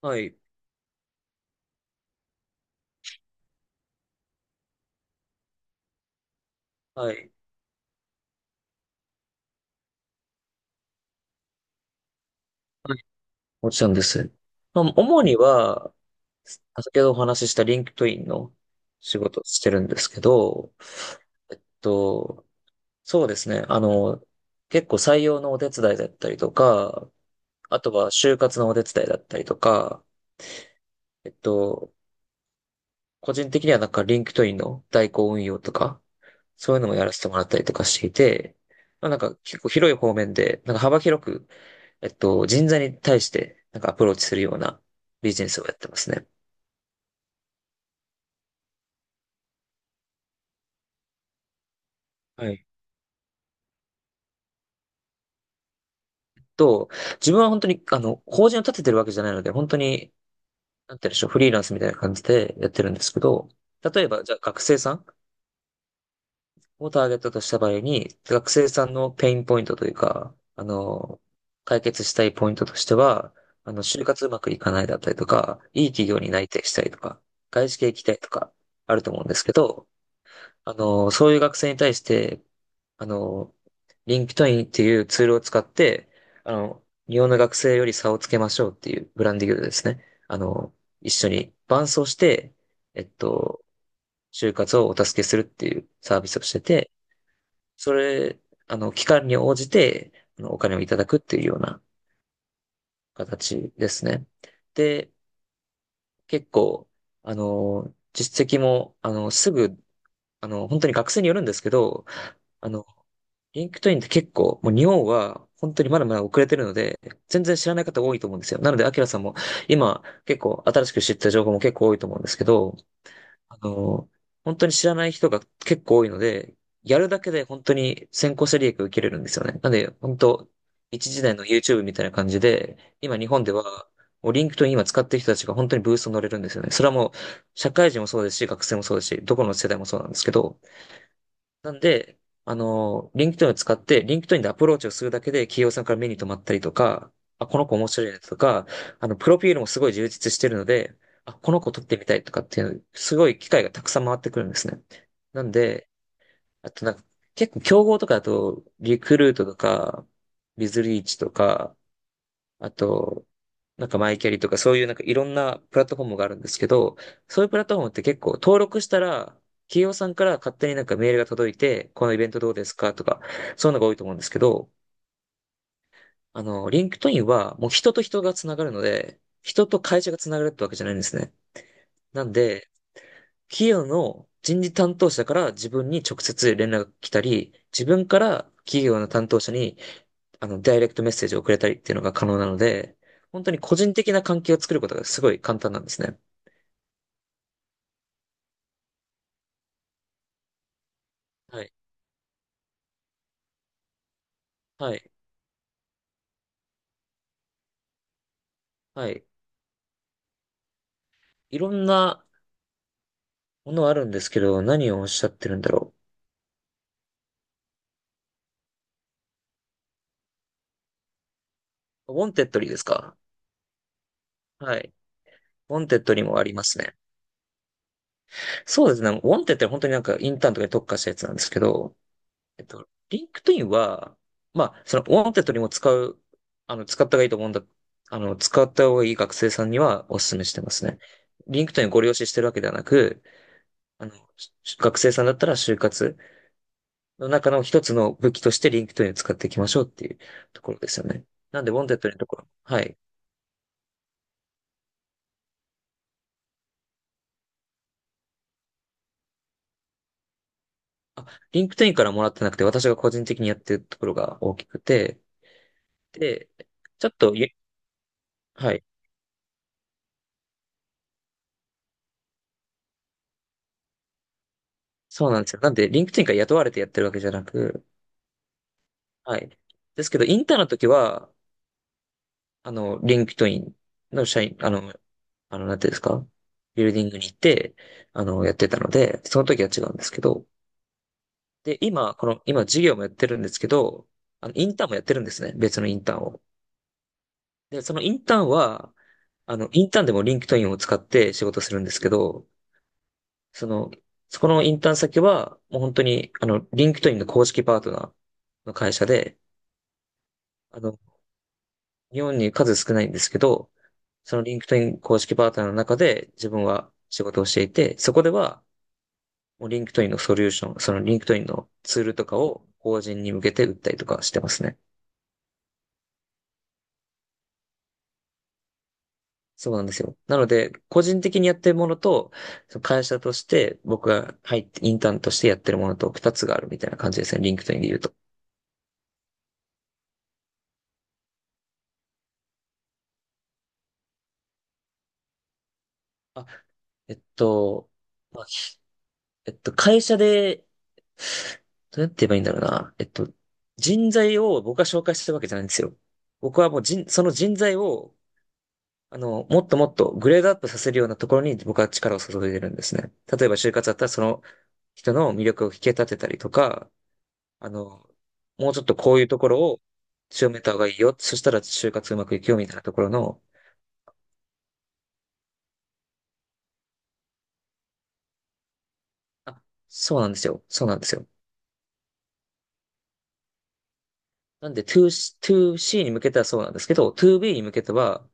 はい、はい、はい、もちろんです。まあ、主には、先ほどお話ししたリンクトインの仕事をしてるんですけど、と、そうですね。結構採用のお手伝いだったりとか、あとは就活のお手伝いだったりとか、えっと、個人的にはなんかリンクトインの代行運用とか、そういうのもやらせてもらったりとかしていて、まあ、なんか結構広い方面で、なんか幅広く人材に対してなんかアプローチするようなビジネスをやってますね。はい。と、自分は本当に、法人を立ててるわけじゃないので、本当に、なんて言うんでしょう、フリーランスみたいな感じでやってるんですけど、例えば、じゃあ学生さんをターゲットとした場合に、学生さんのペインポイントというか、解決したいポイントとしては、就活うまくいかないだったりとか、いい企業に内定したいとか、外資系行きたいとか、あると思うんですけど、そういう学生に対して、あの、リンクトインっていうツールを使って、日本の学生より差をつけましょうっていうブランディングでですね、一緒に伴走して、えっと、就活をお助けするっていうサービスをしてて、それ、期間に応じて、お金をいただくっていうような形ですね。で、結構、実績も、あの、すぐ、あの、本当に学生によるんですけど、あの、リンクトインって結構、もう日本は本当にまだまだ遅れてるので、全然知らない方多いと思うんですよ。なので、アキラさんも今結構新しく知った情報も結構多いと思うんですけど、あの、本当に知らない人が結構多いので、やるだけで本当に先行者利益を受けれるんですよね。なので、本当、一時代の YouTube みたいな感じで、今日本では、もうリンクトイン今使ってる人たちが本当にブーストに乗れるんですよね。それはもう、社会人もそうですし、学生もそうですし、どこの世代もそうなんですけど、なんで、リンク k e ンを使って、リンクトインでアプローチをするだけで企業さんから目に留まったりとか、あ、この子面白いねとか、プロフィールもすごい充実してるので、あ、この子取ってみたいとかっていう、すごい機会がたくさん回ってくるんですね。なんで、あとなんか、結構競合とかだと、リクルートとか、ビズリーチとか、あと、なんかマイキャリとかそういうなんかいろんなプラットフォームがあるんですけど、そういうプラットフォームって結構登録したら、企業さんから勝手になんかメールが届いて、このイベントどうですかとか、そういうのが多いと思うんですけど、リンクトインはもう人と人がつながるので、人と会社がつながるってわけじゃないんですね。なんで、企業の人事担当者から自分に直接連絡が来たり、自分から企業の担当者にダイレクトメッセージを送れたりっていうのが可能なので、本当に個人的な関係を作ることがすごい簡単なんですね。はい。はい。はい。いろんなものあるんですけど、何をおっしゃってるんだろう。ウォンテッドリーですか？はい。ウォンテッドリーもありますね。そうですね。ウォンテッドリーは本当になんかインターンとかに特化したやつなんですけど、リンクトインは、まあ、そのウォンテッドリーも使う、あの、使った方がいいと思うんだ。使った方がいい学生さんにはお勧めしてますね。リンクトインをご利用ししてるわけではなく、あの、学生さんだったら就活の中の一つの武器としてリンクトインを使っていきましょうっていうところですよね。なんで、ウォンテッドのところ、はい。あ、リンクトインからもらってなくて、私が個人的にやってるところが大きくて、で、ちょっとゆ、はい。そうなんですよ。なんで、リンクトインから雇われてやってるわけじゃなく、はい。ですけど、インターンの時は、リンクトインの社員、なんていうんですか？ビルディングに行って、やってたので、その時は違うんですけど、で、今、この、今授業もやってるんですけど、インターンもやってるんですね。別のインターンを。で、そのインターンは、インターンでもリンクトインを使って仕事するんですけど、その、そこのインターン先は、もう本当に、リンクトインの公式パートナーの会社で、あの、日本に数少ないんですけど、そのリンクトイン公式パートナーの中で自分は仕事をしていて、そこでは、もうリンクトインのソリューション、そのリンクトインのツールとかを法人に向けて売ったりとかしてますね。そうなんですよ。なので、個人的にやってるものと、その会社として僕が入って、インターンとしてやってるものと二つがあるみたいな感じですね。リンクトインで言うと。あ、えっと、まあ、ひえっと、会社で、どうやって言えばいいんだろうな。えっと、人材を僕が紹介してるわけじゃないんですよ。僕はもう人、その人材を、もっともっとグレードアップさせるようなところに僕は力を注いでるんですね。例えば就活だったらその人の魅力を引き立てたりとか、あの、もうちょっとこういうところを強めた方がいいよ。そしたら就活うまくいくよみたいなところの、あ、そうなんですよ。そうなんですよ。なんで 2C、2C に向けてはそうなんですけど、2B に向けては、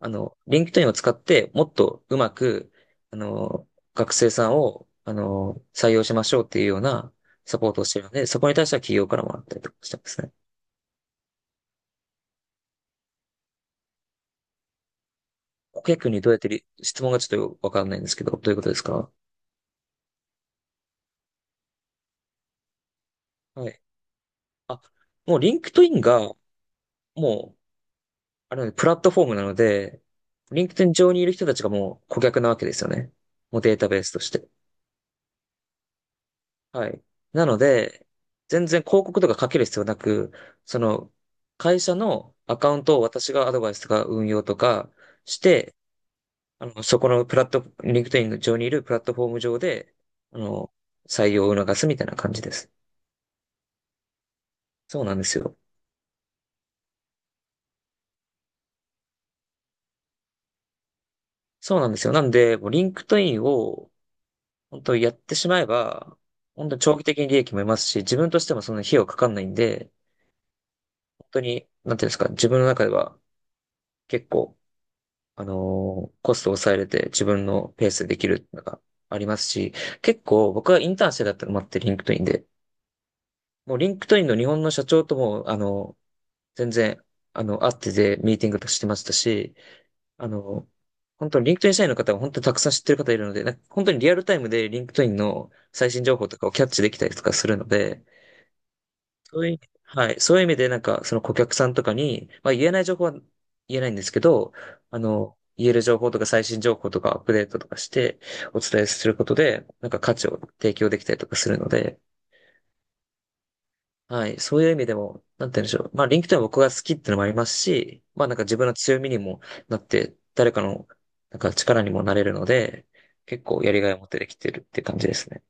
LinkedIn を使ってもっとうまく、あの、学生さんを、採用しましょうっていうようなサポートをしてるので、そこに対しては企業からもらったりとかしてますね。顧客にどうやってり、質問がちょっとよくわかんないんですけど、どういうことですか？はい。あ、もう LinkedIn が、もう、あれはねプラットフォームなので、LinkedIn 上にいる人たちがもう顧客なわけですよね。もうデータベースとして。はい。なので、全然広告とかかける必要なく、その、会社のアカウントを私がアドバイスとか運用とかして、そこのプラット、LinkedIn 上にいるプラットフォーム上で、あの、採用を促すみたいな感じです。そうなんですよ。そうなんですよ。なんで、もう LinkedIn を本当やってしまえば、本当に長期的に利益も得ますし、自分としてもその費用かかんないんで、本当に、なんていうんですか、自分の中では結構、コストを抑えれて自分のペースでできるのがありますし、結構僕はインターンしてだったのもあって、リンクトインで。もうリンクトインの日本の社長とも、全然、会っててミーティングとかしてましたし、あの、本当にリンクトイン社員の方は本当にたくさん知ってる方いるので、なんか本当にリアルタイムでリンクトインの最新情報とかをキャッチできたりとかするので、そういう、はい。そういう意味で、なんか、その顧客さんとかに、まあ言えない情報は言えないんですけど、言える情報とか最新情報とかアップデートとかしてお伝えすることで、なんか価値を提供できたりとかするので、はい。そういう意味でも、なんて言うんでしょう。まあ、リンクトインは僕が好きってのもありますし、まあなんか自分の強みにもなって、誰かの、なんか力にもなれるので、結構やりがいを持ってできてるって感じですね。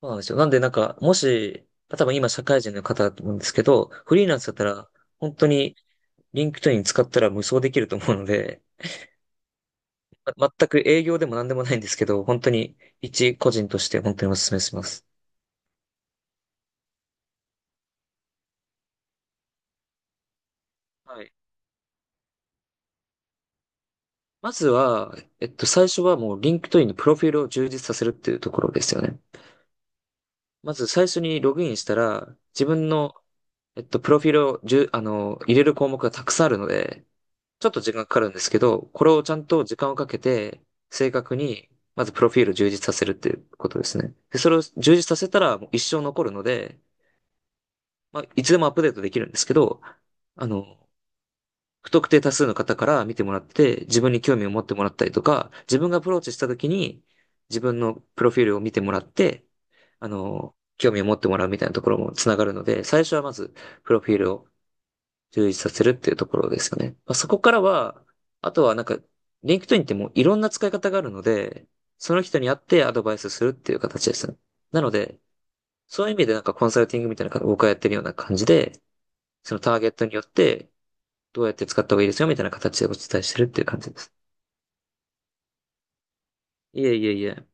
そうなんですよ。なんでなんか、もし、多分今社会人の方だと思うんですけど、フリーランスだったら、本当にリンクトイン使ったら無双できると思うので、ま、全く営業でも何でもないんですけど、本当に一個人として本当にお勧めします。はい。まずは、最初はもうリンクトインのプロフィールを充実させるっていうところですよね。まず最初にログインしたら、自分の、プロフィールをじゅ、入れる項目がたくさんあるので、ちょっと時間かかるんですけど、これをちゃんと時間をかけて、正確に、まずプロフィールを充実させるっていうことですね。で、それを充実させたらもう一生残るので、まあ、いつでもアップデートできるんですけど、あの、不特定多数の方から見てもらって、自分に興味を持ってもらったりとか、自分がアプローチした時に、自分のプロフィールを見てもらって、興味を持ってもらうみたいなところもつながるので、最初はまず、プロフィールを充実させるっていうところですよね。まあ、そこからは、あとはなんか、リンク d i n ってもういろんな使い方があるので、その人に会ってアドバイスするっていう形ですね。なので、そういう意味でなんかコンサルティングみたいな、僕がやってるような感じで、そのターゲットによって、どうやって使った方がいいですよみたいな形でお伝えしてるっていう感じです。いえいえいえ。